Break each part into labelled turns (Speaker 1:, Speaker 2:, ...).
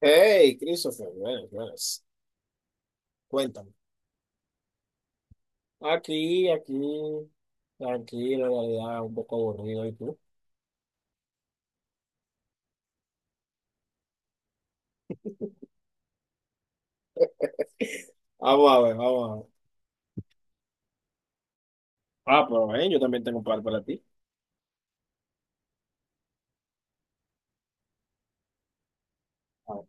Speaker 1: Hey, Christopher, buenas, buenas. Cuéntame. Aquí, aquí, tranquilo, en realidad, un poco aburrido. ¿Y tú? Vamos a ver, vamos a ver. Ah, pero yo también tengo un par para ti. A ver.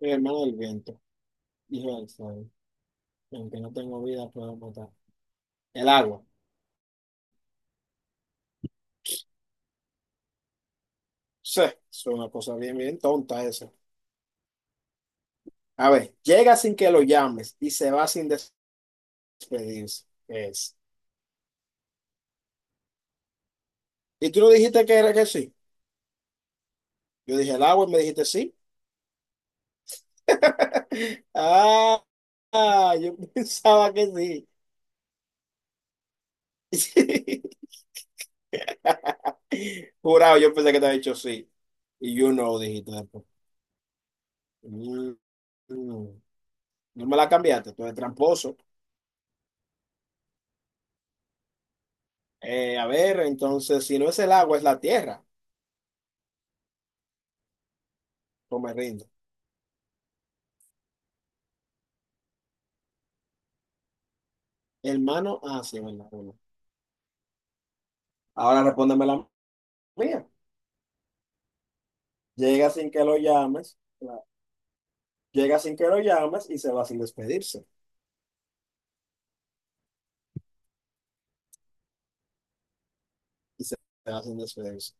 Speaker 1: Mi hermano del viento, hijo del sol, aunque no tengo vida, puedo matar. El agua. Sí, es una cosa bien, bien tonta esa. A ver, llega sin que lo llames y se va sin despedirse. ¿Qué es? ¿Y tú no dijiste que era que sí? Yo dije el agua y me dijiste sí. Ah, ah, yo pensaba que sí. Jurado, yo pensé que te había dicho sí. Y yo no, dijiste después. Mm, mm. No me la cambiaste, tú eres tramposo. A ver, entonces, si no es el agua, es la tierra. Pues me rindo. Hermano, ah, sí, verdad. Bueno. Ahora respóndeme la mía. Llega sin que lo llames. Llega sin que lo llames y se va sin despedirse. Y se va sin despedirse.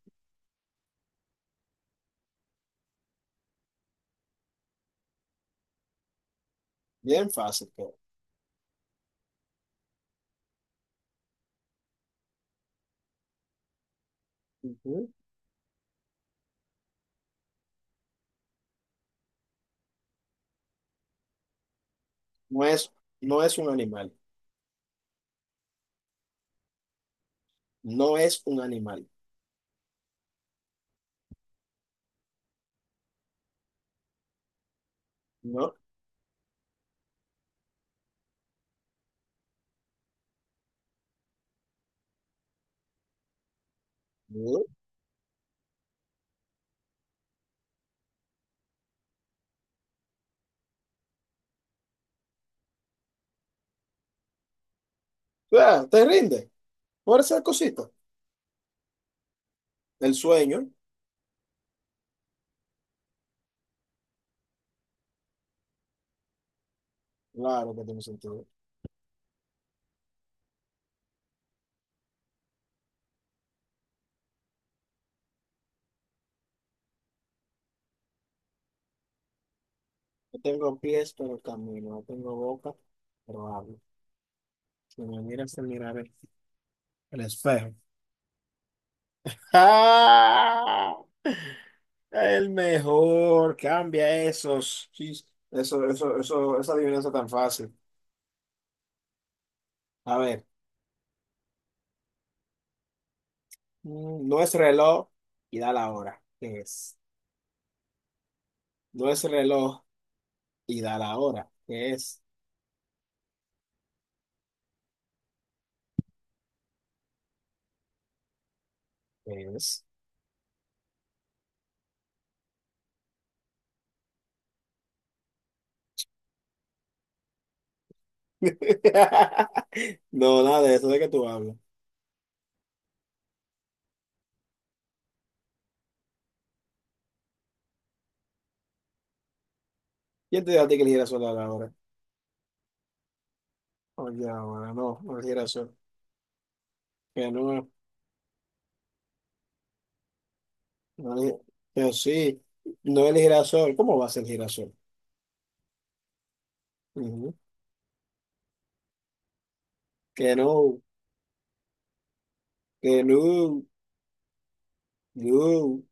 Speaker 1: Bien fácil, todo. Ujú. No es, no es un animal. No es un animal. No. No. Ah, te rinde. Por esa cosita. El sueño. Claro que tiene sentido. No tengo pies, pero camino. No tengo boca, pero hablo. Si me miras, te miraré. El espejo. ¡Ah! El mejor. Cambia esos. Eso, eso, eso, esa adivinanza tan fácil. A ver. No es reloj y da la hora. ¿Qué es? No es reloj y dar ahora. Que es? Que es? No, nada de eso de que tú hablas. ¿Quién te dijo a ti que el girasol da la hora? Oye, ahora no, no el girasol. Que no, no que sí, no el girasol. ¿Cómo va a ser el girasol? Ujú. Que no, que no, no.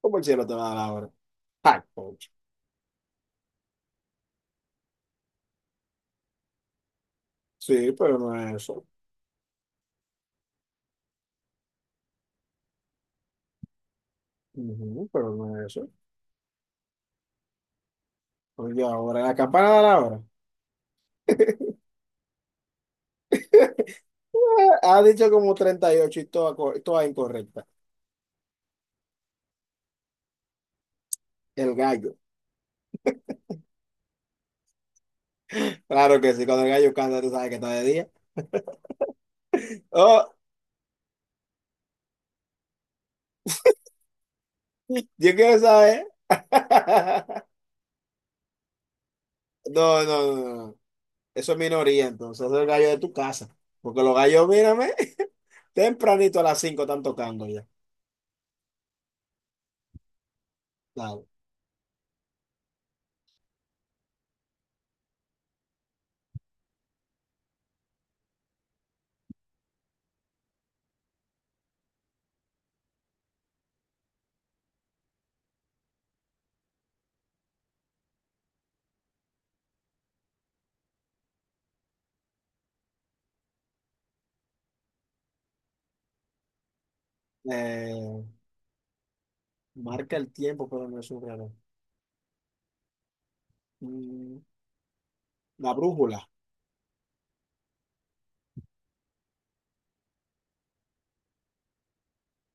Speaker 1: ¿Cómo el cielo te va a dar la hora? Ay, concha. Sí, pero no es eso. Ujú, pero no es eso. Oye, ahora la campana da la hora. Ha dicho como 38 y ocho y toda, toda incorrecta. El gallo. Claro que sí, cuando el gallo canta, tú sabes que está de día. Oh, yo quiero saber. No, no, no, no. Eso es minoría, entonces. Eso es el gallo de tu casa. Porque los gallos, mírame, tempranito a las 5 están tocando ya. Claro. Eh, marca el tiempo, pero no es un reloj. Mm, La brújula,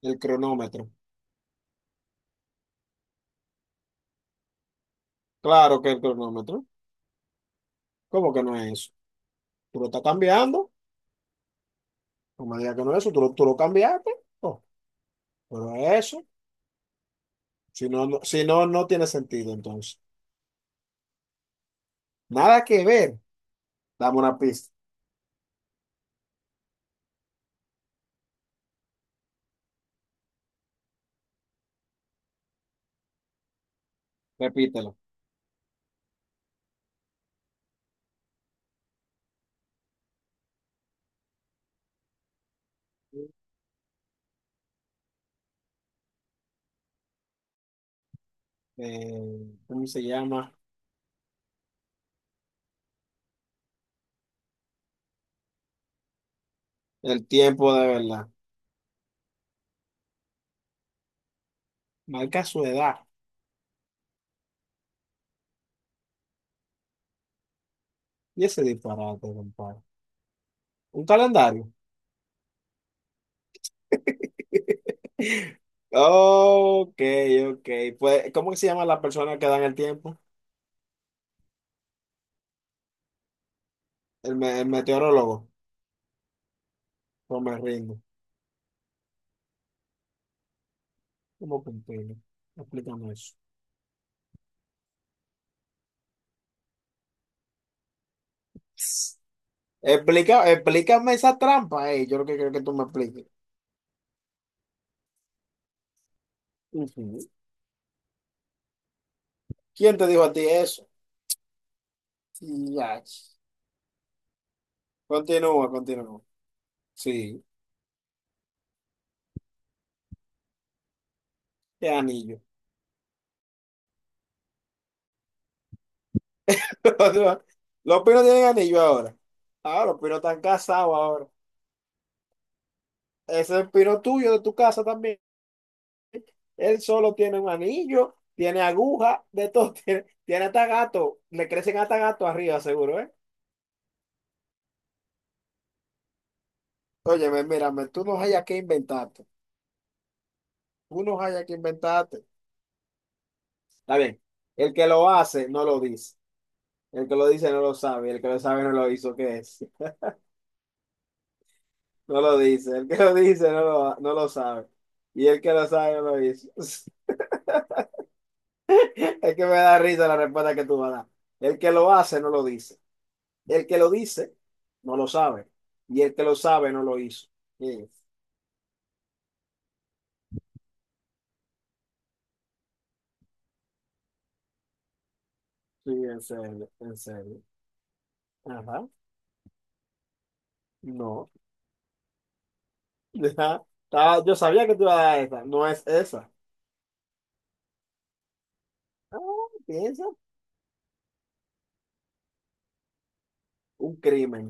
Speaker 1: el cronómetro. Claro que el cronómetro. ¿Cómo que no es eso? Tú lo estás cambiando. No me digas que no es eso. Tú lo cambiaste. Oh, pero eso. Si no, si no, no tiene sentido entonces. Nada que ver. Dame una pista. Repítelo. ¿Cómo se llama? El tiempo de verdad. Marca su edad. Y ese disparate, compadre. Un calendario. Ok, ok. Pues, ¿cómo se llama la persona que dan el tiempo? El meteorólogo. Pues me rindo. ¿Cómo que? Explícame eso. Explícame esa trampa, eh. Yo lo que creo que tú me expliques. Ujú. ¿Quién te dijo a ti eso? Ya. Continúa, continúa. Sí, qué anillo. Los pinos tienen anillo ahora. Ahora, los pinos están casados ahora. Ese es el pino tuyo de tu casa también. Él solo tiene un anillo, tiene aguja, de todo. Tiene hasta gato. Le crecen hasta gato arriba, seguro, ¿eh? Óyeme, mírame, tú no hayas que inventarte. Tú no hayas que inventarte. Está bien. El que lo hace no lo dice. El que lo dice no lo sabe. El que lo sabe no lo hizo. ¿Qué es? No lo dice, el que lo dice no lo sabe. Y el que lo sabe no lo dice. Es que me da risa la respuesta que tú vas a dar. El que lo hace no lo dice. El que lo dice no lo sabe. Y el que lo sabe no lo hizo. Sí, sí, en serio, en serio. Ajá, no. Ajá. Yo sabía que tú ibas a dar esa. No es esa. Ah, piensa. Un crimen.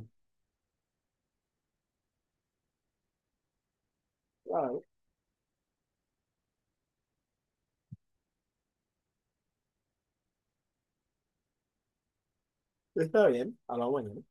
Speaker 1: Claro, está bien. A la mañana.